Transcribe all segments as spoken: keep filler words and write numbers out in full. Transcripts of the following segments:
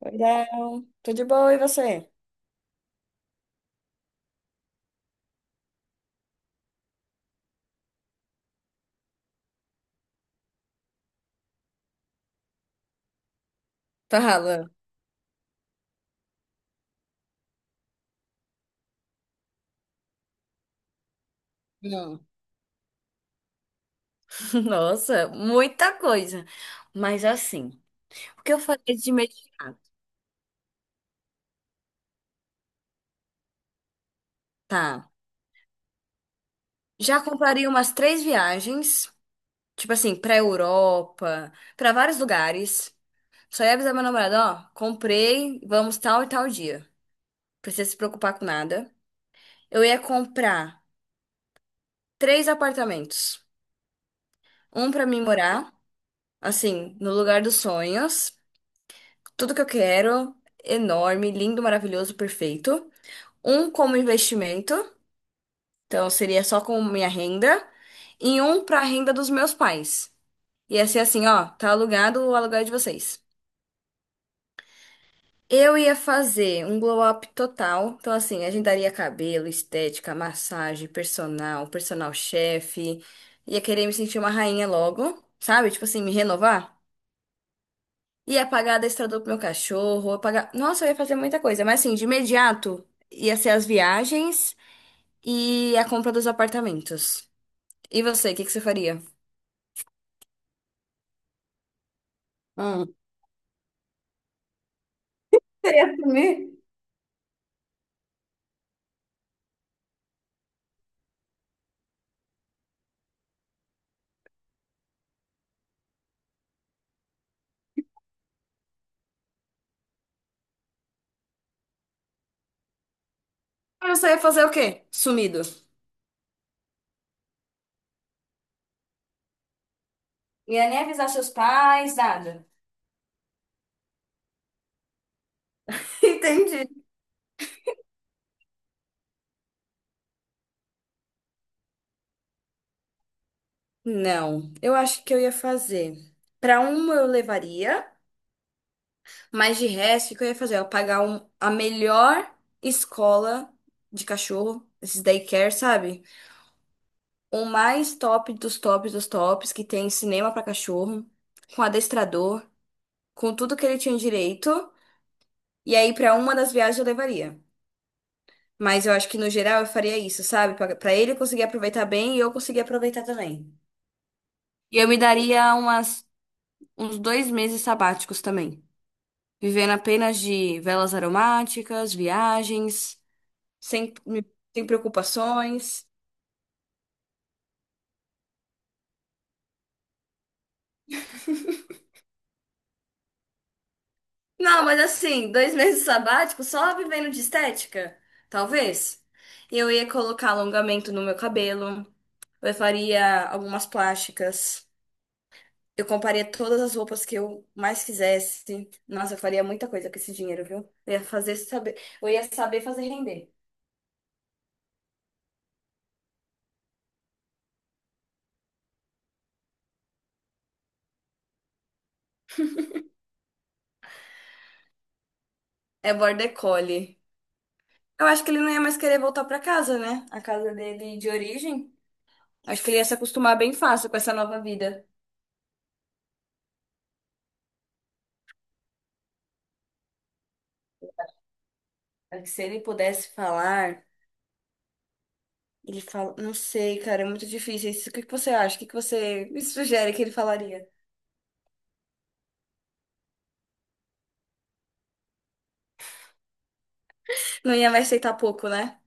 Oi, Del. Tudo bom e você? Fala. Hum. Nossa, muita coisa. Mas assim, o que eu faria de imediato? Tá. Já compraria umas três viagens, tipo assim, pra Europa, pra vários lugares. Só ia avisar meu namorado, ó, comprei, vamos tal e tal dia. Precisa se preocupar com nada. Eu ia comprar três apartamentos. Um pra mim morar, assim, no lugar dos sonhos. Tudo que eu quero, enorme, lindo, maravilhoso, perfeito. Um como investimento, então seria só com minha renda, e um para a renda dos meus pais. Ia ser assim, ó, tá alugado o aluguel de vocês. Eu ia fazer um glow up total. Então, assim, agendaria cabelo, estética, massagem, personal, personal chefe. Ia querer me sentir uma rainha logo, sabe? Tipo assim, me renovar. Ia pagar adestrador pro meu cachorro, ia pagar... Nossa, eu ia fazer muita coisa. Mas assim, de imediato, ia ser as viagens e a compra dos apartamentos. E você, o que que você faria? Hum. Você ia sumir? Ah, você ia fazer o quê? Sumido. Ia nem avisar seus pais, nada. Entendi. Não, eu acho que eu ia fazer. Pra uma eu levaria, mas de resto, o que eu ia fazer? Eu ia pagar um- a melhor escola de cachorro, esses daycare, sabe? O mais top dos tops dos tops, que tem cinema pra cachorro, com adestrador, com tudo que ele tinha direito. E aí, pra uma das viagens eu levaria. Mas eu acho que no geral eu faria isso, sabe? Pra pra ele conseguir aproveitar bem e eu conseguir aproveitar também. E eu me daria umas, uns dois meses sabáticos também. Vivendo apenas de velas aromáticas, viagens, sem, sem preocupações. Não, mas assim, dois meses sabático só vivendo de estética, talvez. Eu ia colocar alongamento no meu cabelo, eu faria algumas plásticas, eu compraria todas as roupas que eu mais quisesse. Nossa, eu faria muita coisa com esse dinheiro, viu? Eu ia fazer saber, eu ia saber fazer render. É border collie. Eu acho que ele não ia mais querer voltar pra casa, né? A casa dele de origem. Acho que ele ia se acostumar bem fácil com essa nova vida. Acho que se ele pudesse falar. Ele fala, não sei, cara, é muito difícil isso. O que que você acha? O que que você me sugere que ele falaria? Não ia me aceitar pouco, né?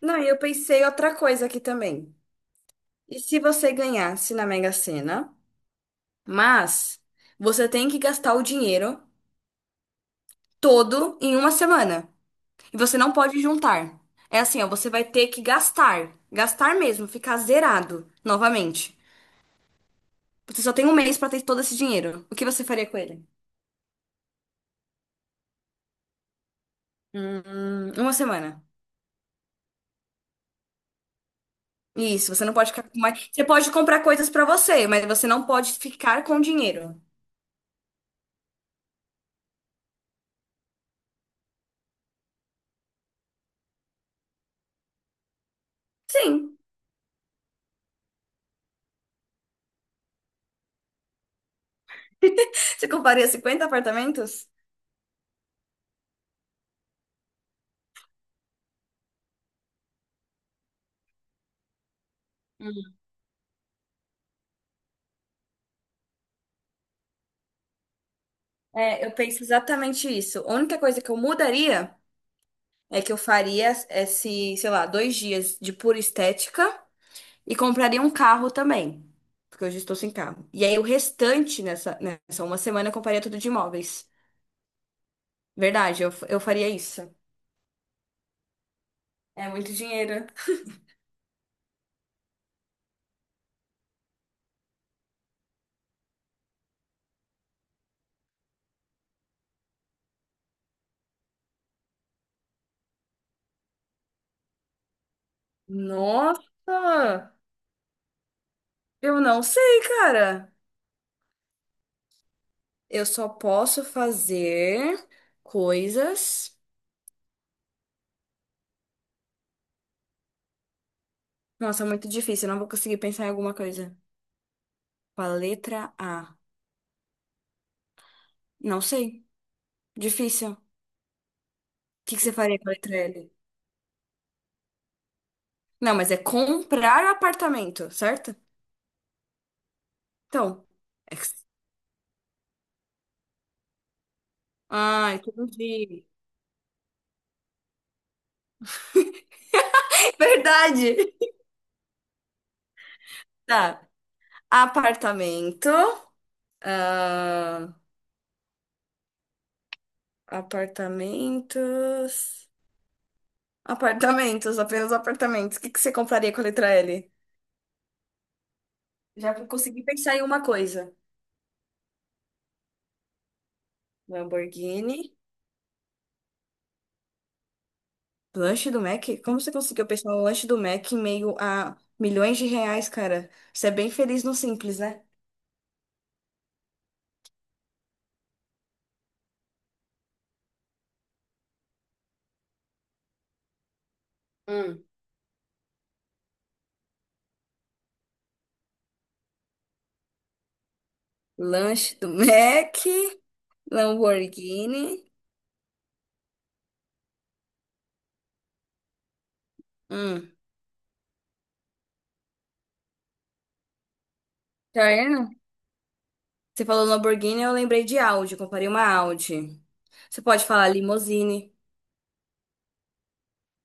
Não, e eu pensei outra coisa aqui também. E se você ganhasse na Mega Sena, mas você tem que gastar o dinheiro todo em uma semana. E você não pode juntar. É assim, ó, você vai ter que gastar. Gastar mesmo, ficar zerado novamente. Você só tem um mês pra ter todo esse dinheiro. O que você faria com ele? Hum, uma semana. Isso, você não pode ficar com mais. Você pode comprar coisas pra você, mas você não pode ficar com dinheiro. Sim. Você compraria cinquenta apartamentos? É, eu penso exatamente isso. A única coisa que eu mudaria é que eu faria esse, sei lá, dois dias de pura estética e compraria um carro também. Porque hoje eu estou sem carro. E aí o restante nessa, nessa uma semana eu compraria tudo de imóveis. Verdade, eu, eu faria isso. É muito dinheiro. Nossa! Eu não sei, cara. Eu só posso fazer coisas. Nossa, é muito difícil. Eu não vou conseguir pensar em alguma coisa. Com a letra A. Não sei. Difícil. O que que você faria com a letra L? Não, mas é comprar um apartamento, certo? Então. é que- Ah, entendi. Verdade! Tá. Apartamento. Ah, apartamentos. Apartamentos, apenas apartamentos. O que que você compraria com a letra L? Já consegui pensar em uma coisa. Lamborghini. Lanche do Mac? Como você conseguiu pensar no lanche do Mac em meio a milhões de reais, cara? Você é bem feliz no simples, né? Hum. Lanche do Mac, Lamborghini. Hum. Tá vendo? Você falou Lamborghini, eu lembrei de Audi, comprei uma Audi. Você pode falar limousine,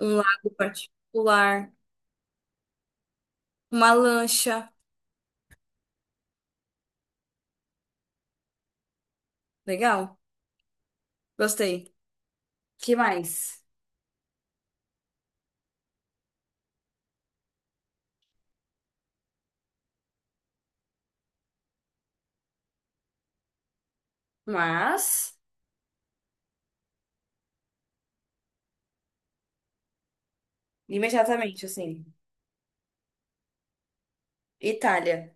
um lago particular, uma lancha. Legal? Gostei. Que mais? Mas, imediatamente, assim, Itália.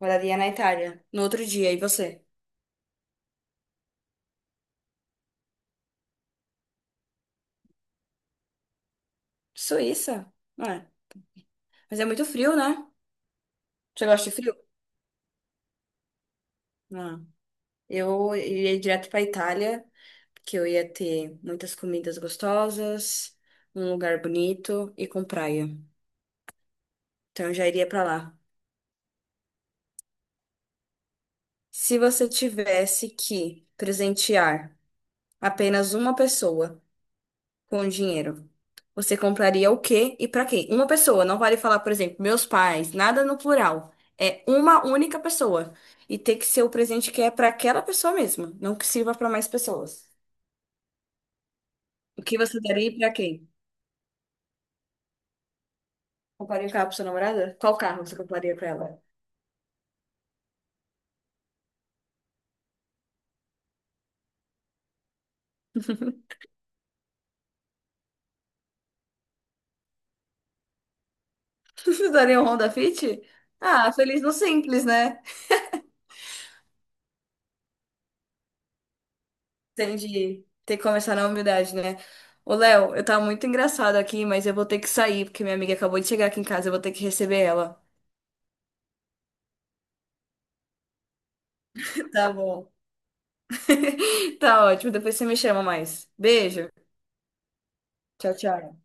Moraria na Itália. No outro dia, e você? Suíça? É. Mas é muito frio, né? Você gosta de frio? Não. Eu iria direto pra Itália, porque eu ia ter muitas comidas gostosas, um lugar bonito e com praia. Então eu já iria pra lá. Se você tivesse que presentear apenas uma pessoa com dinheiro, você compraria o quê e pra quê? Uma pessoa, não vale falar, por exemplo, meus pais, nada no plural. É uma única pessoa. E tem que ser o presente que é pra aquela pessoa mesma, não que sirva pra mais pessoas. O que você daria e pra quem? Compraria um carro pra sua namorada? Qual carro você compraria pra ela? Você daria um Honda Fit? Ah, feliz no simples, né? Entendi. Tem que começar na humildade, né? Ô, Léo, eu tava muito engraçado aqui, mas eu vou ter que sair, porque minha amiga acabou de chegar aqui em casa, eu vou ter que receber ela. Tá bom. Tá ótimo, depois você me chama mais. Beijo. Tchau, tchau.